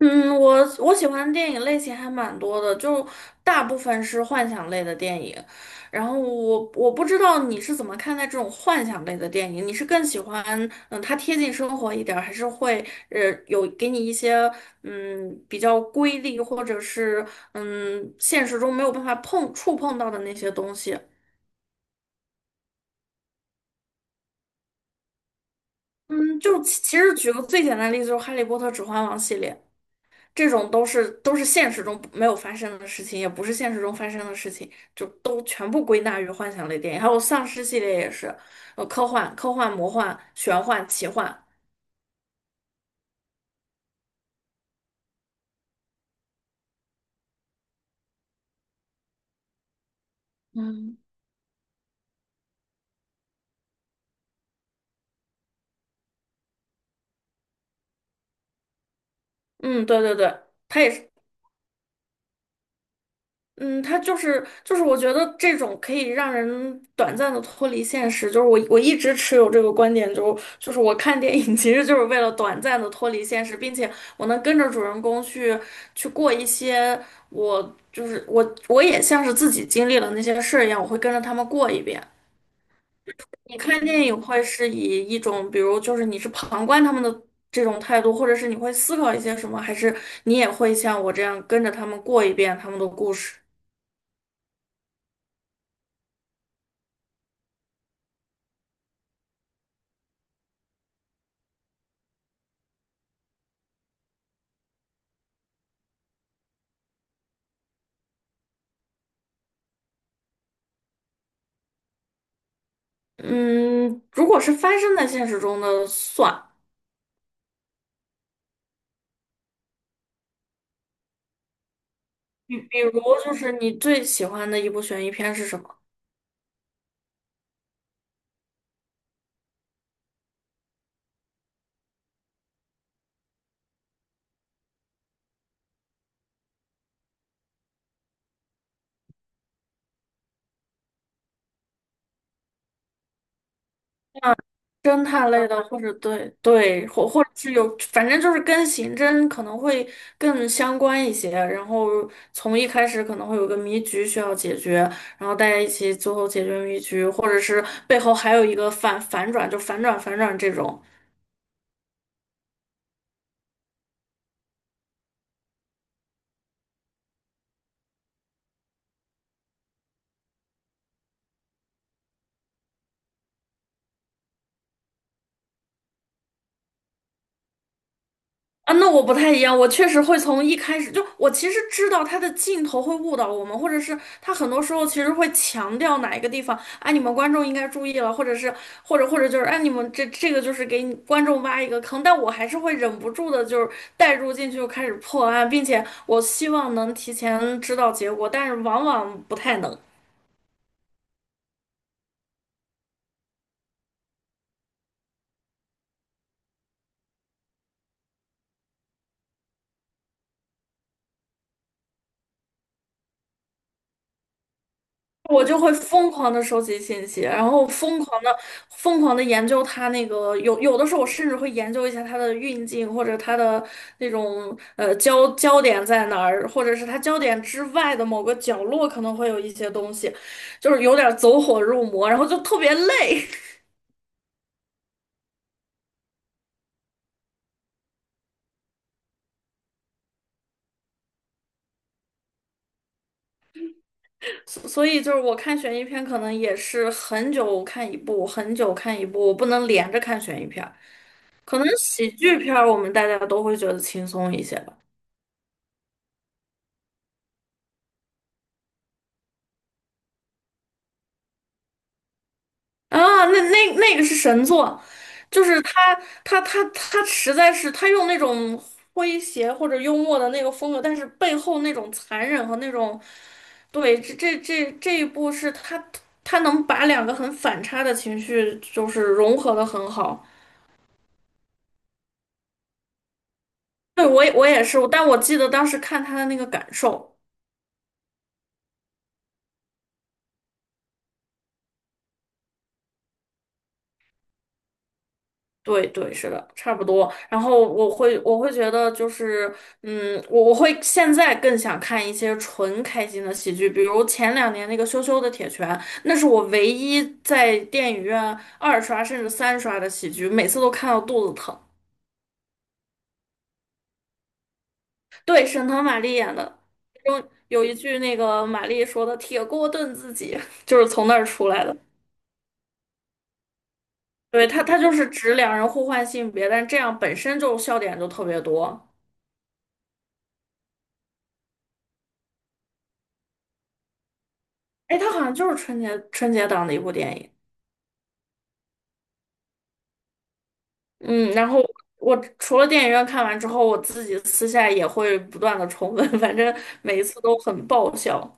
嗯，我喜欢的电影类型还蛮多的，就大部分是幻想类的电影。然后我不知道你是怎么看待这种幻想类的电影，你是更喜欢它贴近生活一点儿，还是会呃有给你一些比较瑰丽或者是现实中没有办法碰到的那些东西？嗯，就其实举个最简单的例子，就是《哈利波特》《指环王》系列。这种都是现实中没有发生的事情，也不是现实中发生的事情，就都全部归纳于幻想类电影。还有丧尸系列也是，科幻、魔幻、玄幻、奇幻，嗯，嗯，对对对，它也是。嗯，他就是，我觉得这种可以让人短暂的脱离现实，就是我一直持有这个观点，就是我看电影其实就是为了短暂的脱离现实，并且我能跟着主人公去去过一些，我就是我也像是自己经历了那些事儿一样，我会跟着他们过一遍。你看电影会是以一种，比如就是你是旁观他们的这种态度，或者是你会思考一些什么，还是你也会像我这样跟着他们过一遍他们的故事？嗯，如果是发生在现实中的算。比如就是你最喜欢的一部悬疑片是什么？侦探类的，或者对对，或者是有，反正就是跟刑侦可能会更相关一些。然后从一开始可能会有个谜局需要解决，然后大家一起最后解决谜局，或者是背后还有一个反转，就反转这种。啊，那我不太一样，我确实会从一开始就，我其实知道他的镜头会误导我们，或者是他很多时候其实会强调哪一个地方，啊，你们观众应该注意了，或者是或者或者就是，哎，你们这个就是给你观众挖一个坑，但我还是会忍不住的，就是带入进去就开始破案，并且我希望能提前知道结果，但是往往不太能。我就会疯狂的收集信息，然后疯狂的研究它那个，有的时候我甚至会研究一下它的运镜或者它的那种焦点在哪儿，或者是它焦点之外的某个角落可能会有一些东西，就是有点走火入魔，然后就特别累。所以就是我看悬疑片可能也是很久看一部，很久看一部，我不能连着看悬疑片儿。可能喜剧片儿我们大家都会觉得轻松一些吧。啊，那个是神作，就是他他实在是他用那种诙谐或者幽默的那个风格，但是背后那种残忍和那种，对，这一部是他他能把两个很反差的情绪就是融合的很好。对，我也是，但我记得当时看他的那个感受。对对，是的，差不多。然后我会觉得就是，嗯，我我会现在更想看一些纯开心的喜剧，比如前两年那个《羞羞的铁拳》，那是我唯一在电影院二刷甚至三刷的喜剧，每次都看到肚子疼。对，沈腾、马丽演的，其中有一句那个马丽说的"铁锅炖自己"，就是从那儿出来的。对，他他就是指两人互换性别，但这样本身就笑点就特别多。哎，他好像就是春节档的一部电影。嗯，然后我除了电影院看完之后，我自己私下也会不断的重温，反正每一次都很爆笑。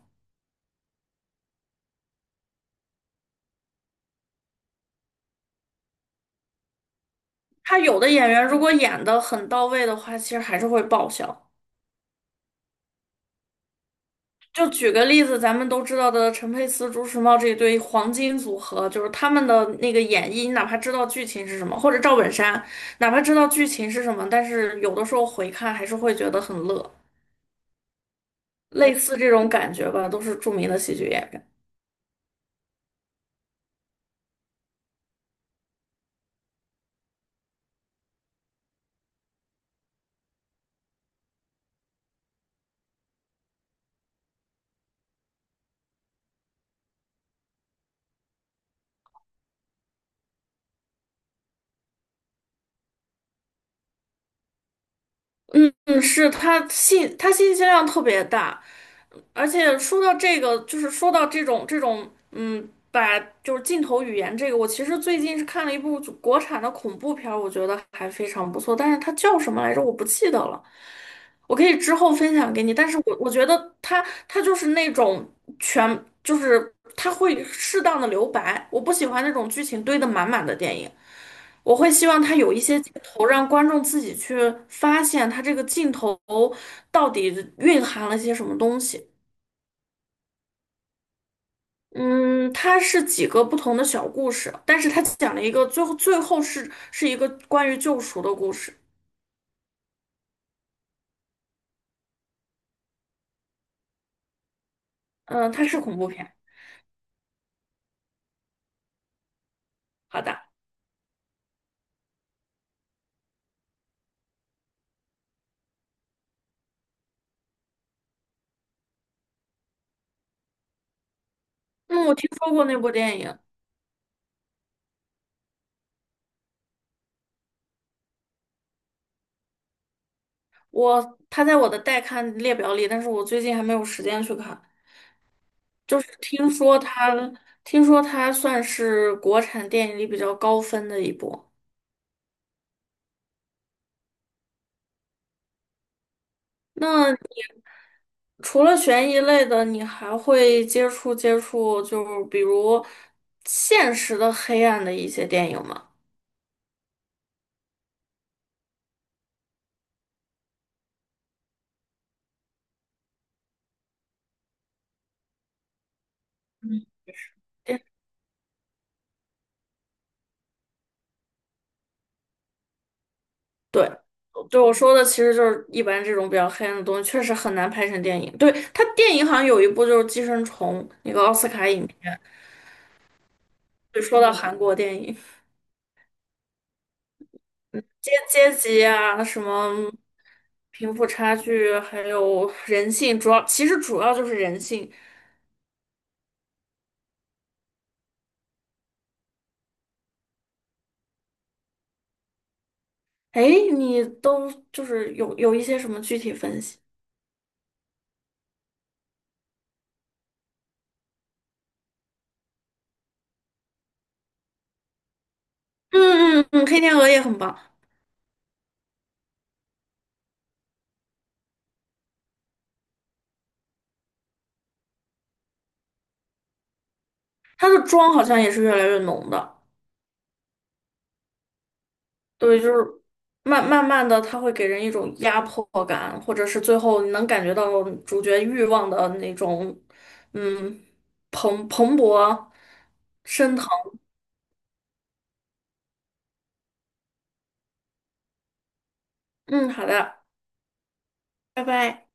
他有的演员如果演的很到位的话，其实还是会爆笑。就举个例子，咱们都知道的陈佩斯、朱时茂这一对黄金组合，就是他们的那个演绎，你哪怕知道剧情是什么，或者赵本山，哪怕知道剧情是什么，但是有的时候回看还是会觉得很乐。类似这种感觉吧，都是著名的喜剧演员。嗯，是他他信息量特别大，而且说到这个，就是说到这种，嗯，把就是镜头语言这个，我其实最近是看了一部国产的恐怖片儿我觉得还非常不错，但是它叫什么来着？我不记得了，我可以之后分享给你。但是我觉得它它就是那种全就是它会适当的留白，我不喜欢那种剧情堆得满满的电影。我会希望它有一些镜头，让观众自己去发现它这个镜头到底蕴含了些什么东西。嗯，它是几个不同的小故事，但是它讲了一个最后是一个关于救赎的故事。嗯，它是恐怖片。好的。嗯，我听说过那部电影，它在我的待看列表里，但是我最近还没有时间去看。就是听说它，听说它算是国产电影里比较高分的一部。那除了悬疑类的，你还会接触，就是比如现实的黑暗的一些电影吗？对，对我说的其实就是一般这种比较黑暗的东西，确实很难拍成电影。对，它电影好像有一部就是《寄生虫》，那个奥斯卡影片，就说到韩国电影，阶级啊，什么贫富差距，还有人性，主要其实主要就是人性。哎，你都就是有一些什么具体分析？嗯嗯嗯，《黑天鹅》也很棒，它的妆好像也是越来越浓的。对，就是慢慢的，它会给人一种压迫感，或者是最后你能感觉到主角欲望的那种，嗯，蓬勃升腾。嗯，好的，拜拜。